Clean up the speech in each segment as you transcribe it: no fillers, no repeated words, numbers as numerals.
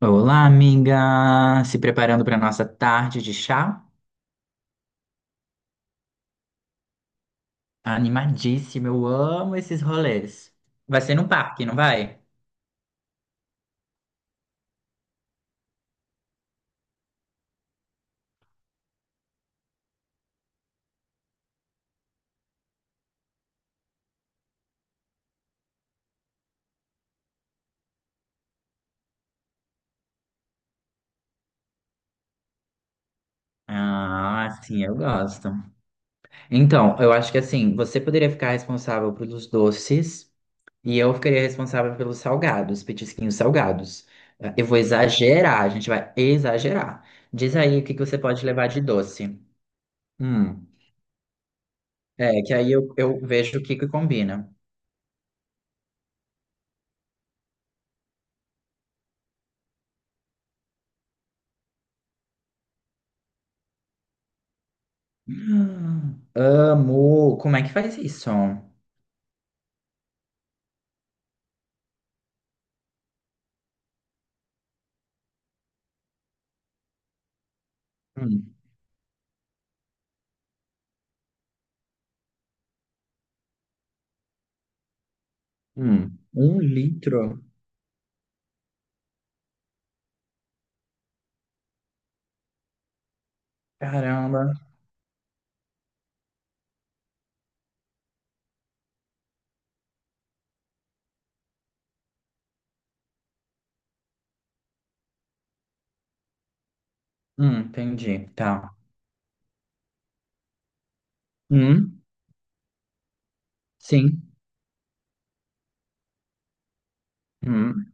Olá, amiga! Se preparando para nossa tarde de chá? Animadíssima, eu amo esses rolês. Vai ser num parque, não vai? Ah, sim, eu gosto. Então, eu acho que assim, você poderia ficar responsável pelos doces e eu ficaria responsável pelos salgados, petisquinhos salgados. Eu vou exagerar, a gente vai exagerar. Diz aí o que que você pode levar de doce. Hum, é, que aí eu vejo o que que combina. Amo! Como é que faz isso? Hum, Um litro? Caramba! Entendi. Tá. Hum, sim. Hum,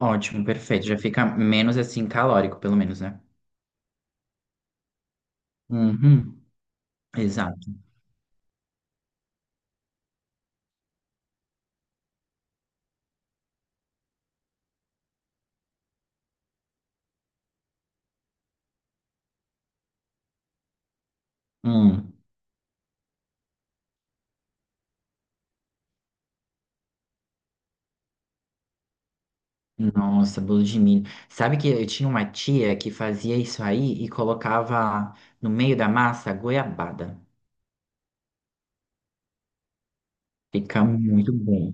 ótimo, perfeito. Já fica menos assim calórico, pelo menos, né? Uhum, exato. Hum. Nossa, bolo de milho. Sabe que eu tinha uma tia que fazia isso aí e colocava no meio da massa goiabada. Fica muito bom.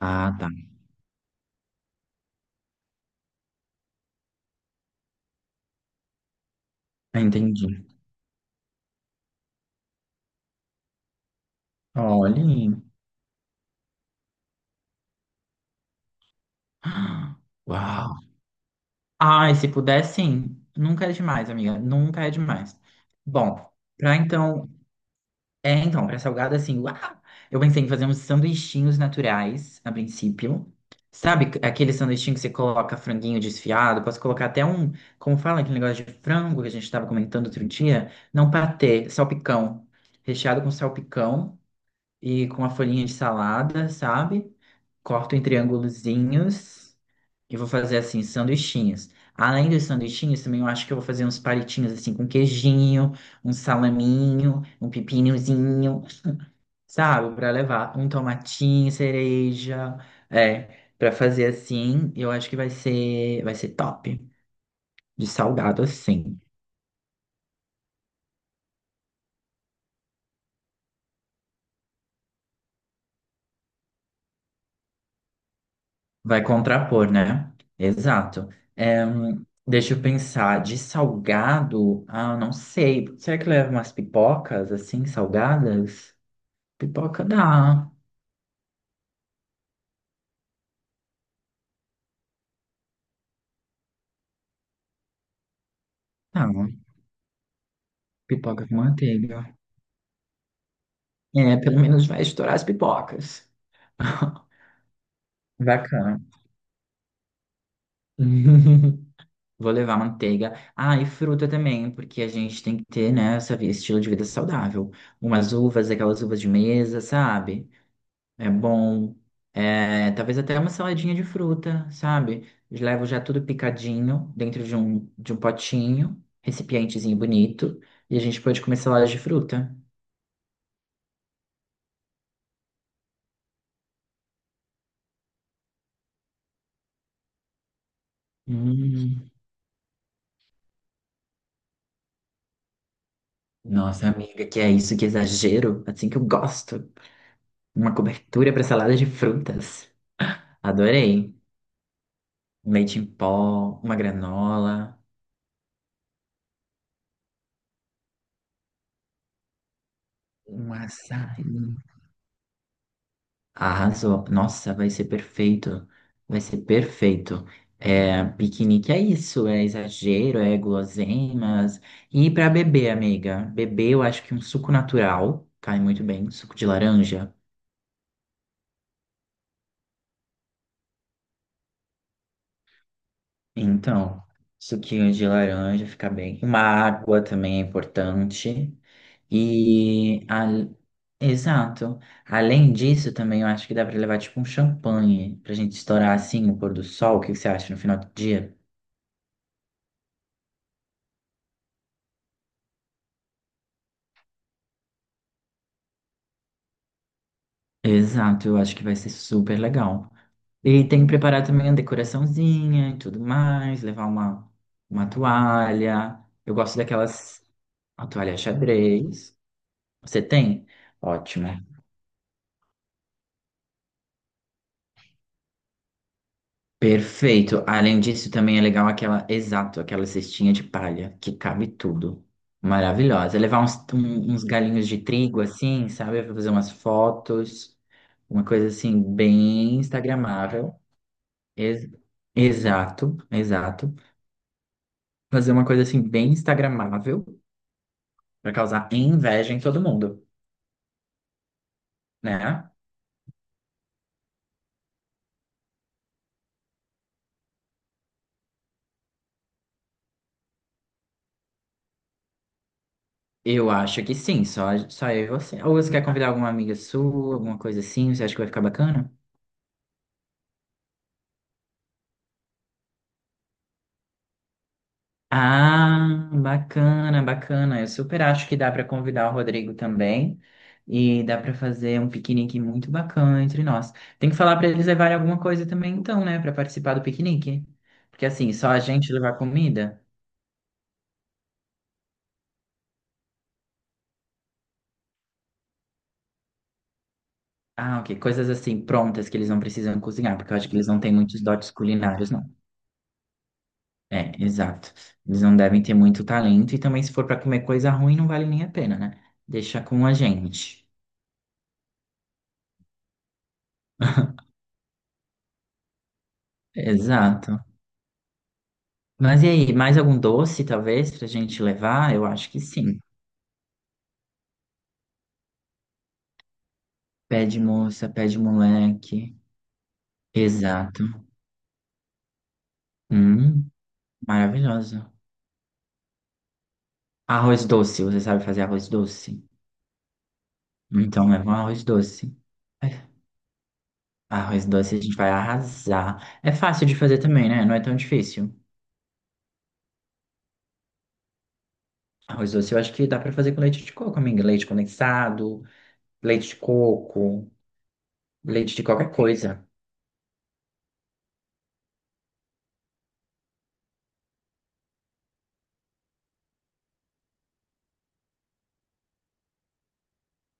Ah, tá. Entendi. Olha. Aí. Uau! Ai, se puder, sim. Nunca é demais, amiga. Nunca é demais. Bom, pra então. É, então, pra salgado, assim, uau! Eu pensei em fazer uns sanduichinhos naturais, a princípio. Aquele sanduichinho que você coloca franguinho desfiado? Posso colocar até um. Como fala aquele negócio de frango que a gente tava comentando outro dia? Não patê, salpicão. Recheado com salpicão e com a folhinha de salada, sabe? Corto em triângulozinhos. Eu vou fazer assim, sanduichinhos. Além dos sanduichinhos, também eu acho que eu vou fazer uns palitinhos assim com queijinho, um salaminho, um pepinozinho, sabe? Para levar um tomatinho, cereja, é, para fazer assim, eu acho que vai ser top, de salgado assim. Vai contrapor, né? Exato. É, deixa eu pensar, de salgado, ah, não sei. Será que leva umas pipocas assim, salgadas? Pipoca dá. Não. Pipoca com manteiga. É, pelo menos vai estourar as pipocas. Bacana. Vou levar manteiga. Ah, e fruta também, porque a gente tem que ter, né, essa estilo de vida saudável. Umas uvas, aquelas uvas de mesa, sabe? É bom. É, talvez até uma saladinha de fruta, sabe? Eu levo já tudo picadinho dentro de um potinho, recipientezinho bonito, e a gente pode comer salada de fruta. Hum. Nossa, amiga, que é isso, que exagero. Assim que eu gosto. Uma cobertura para salada de frutas. Adorei. Leite em pó, uma granola, um açaí. Arrasou. Nossa, vai ser perfeito. Vai ser perfeito. É, piquenique é isso, é exagero, é guloseimas. E para beber, amiga? Beber, eu acho que um suco natural cai muito bem, suco de laranja. Então, suquinho de laranja fica bem. Uma água também é importante. E, a- Exato. Além disso, também eu acho que dá para levar tipo um champanhe pra gente estourar assim o pôr do sol. O que que você acha no final do dia? Exato, eu acho que vai ser super legal. E tem que preparar também a decoraçãozinha e tudo mais, uma toalha. Eu gosto daquelas, a toalha xadrez. Você tem? Ótimo. Perfeito. Além disso, também é legal aquela, exato, aquela cestinha de palha que cabe tudo. Maravilhosa. É levar uns galinhos de trigo assim, sabe? Pra fazer umas fotos, uma coisa assim, bem instagramável. Ex- exato. Fazer uma coisa assim, bem instagramável, pra causar inveja em todo mundo, né? Eu acho que sim, só eu e você. Ou você quer convidar alguma amiga sua, alguma coisa assim? Você acha que vai ficar bacana? Ah, bacana. Eu super acho que dá para convidar o Rodrigo também e dá para fazer um piquenique muito bacana entre nós. Tem que falar para eles levarem alguma coisa também, então, né, para participar do piquenique? Porque assim, só a gente levar comida? Ah, ok, coisas assim prontas que eles não precisam cozinhar, porque eu acho que eles não têm muitos dotes culinários, não. É, exato. Eles não devem ter muito talento e também se for para comer coisa ruim não vale nem a pena, né? Deixa com a gente. Exato. Mas e aí, mais algum doce, talvez, pra gente levar? Eu acho que sim. Pé de moça, pé de moleque. Exato. Hum, maravilhoso. Arroz doce, você sabe fazer arroz doce? Então leva um arroz doce. É, arroz doce a gente vai arrasar. É fácil de fazer também, né? Não é tão difícil. Arroz doce eu acho que dá pra fazer com leite de coco, amiga. Leite condensado, leite de coco, leite de qualquer coisa.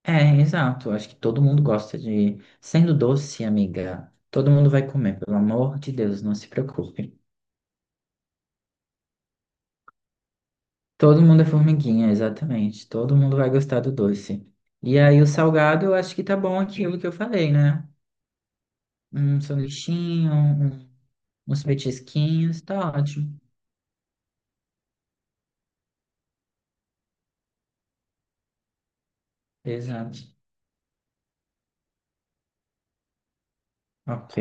É, exato. Acho que todo mundo gosta de. Sendo doce, amiga, todo mundo vai comer, pelo amor de Deus, não se preocupe. Todo mundo é formiguinha, exatamente. Todo mundo vai gostar do doce. E aí, o salgado, eu acho que tá bom aquilo que eu falei, né? Um sanduichinho, um- Uns petisquinhos, tá ótimo. Exato. Ok,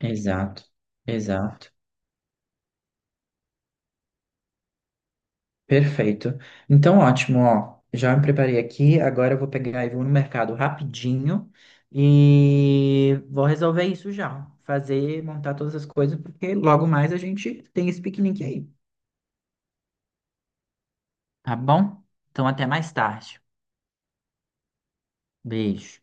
exato, exato. Perfeito. Então, ótimo, ó. Já me preparei aqui. Agora eu vou pegar e vou no mercado rapidinho e vou resolver isso já. Fazer, montar todas as coisas, porque logo mais a gente tem esse piquenique aí, tá bom? Então, até mais tarde. Beijo.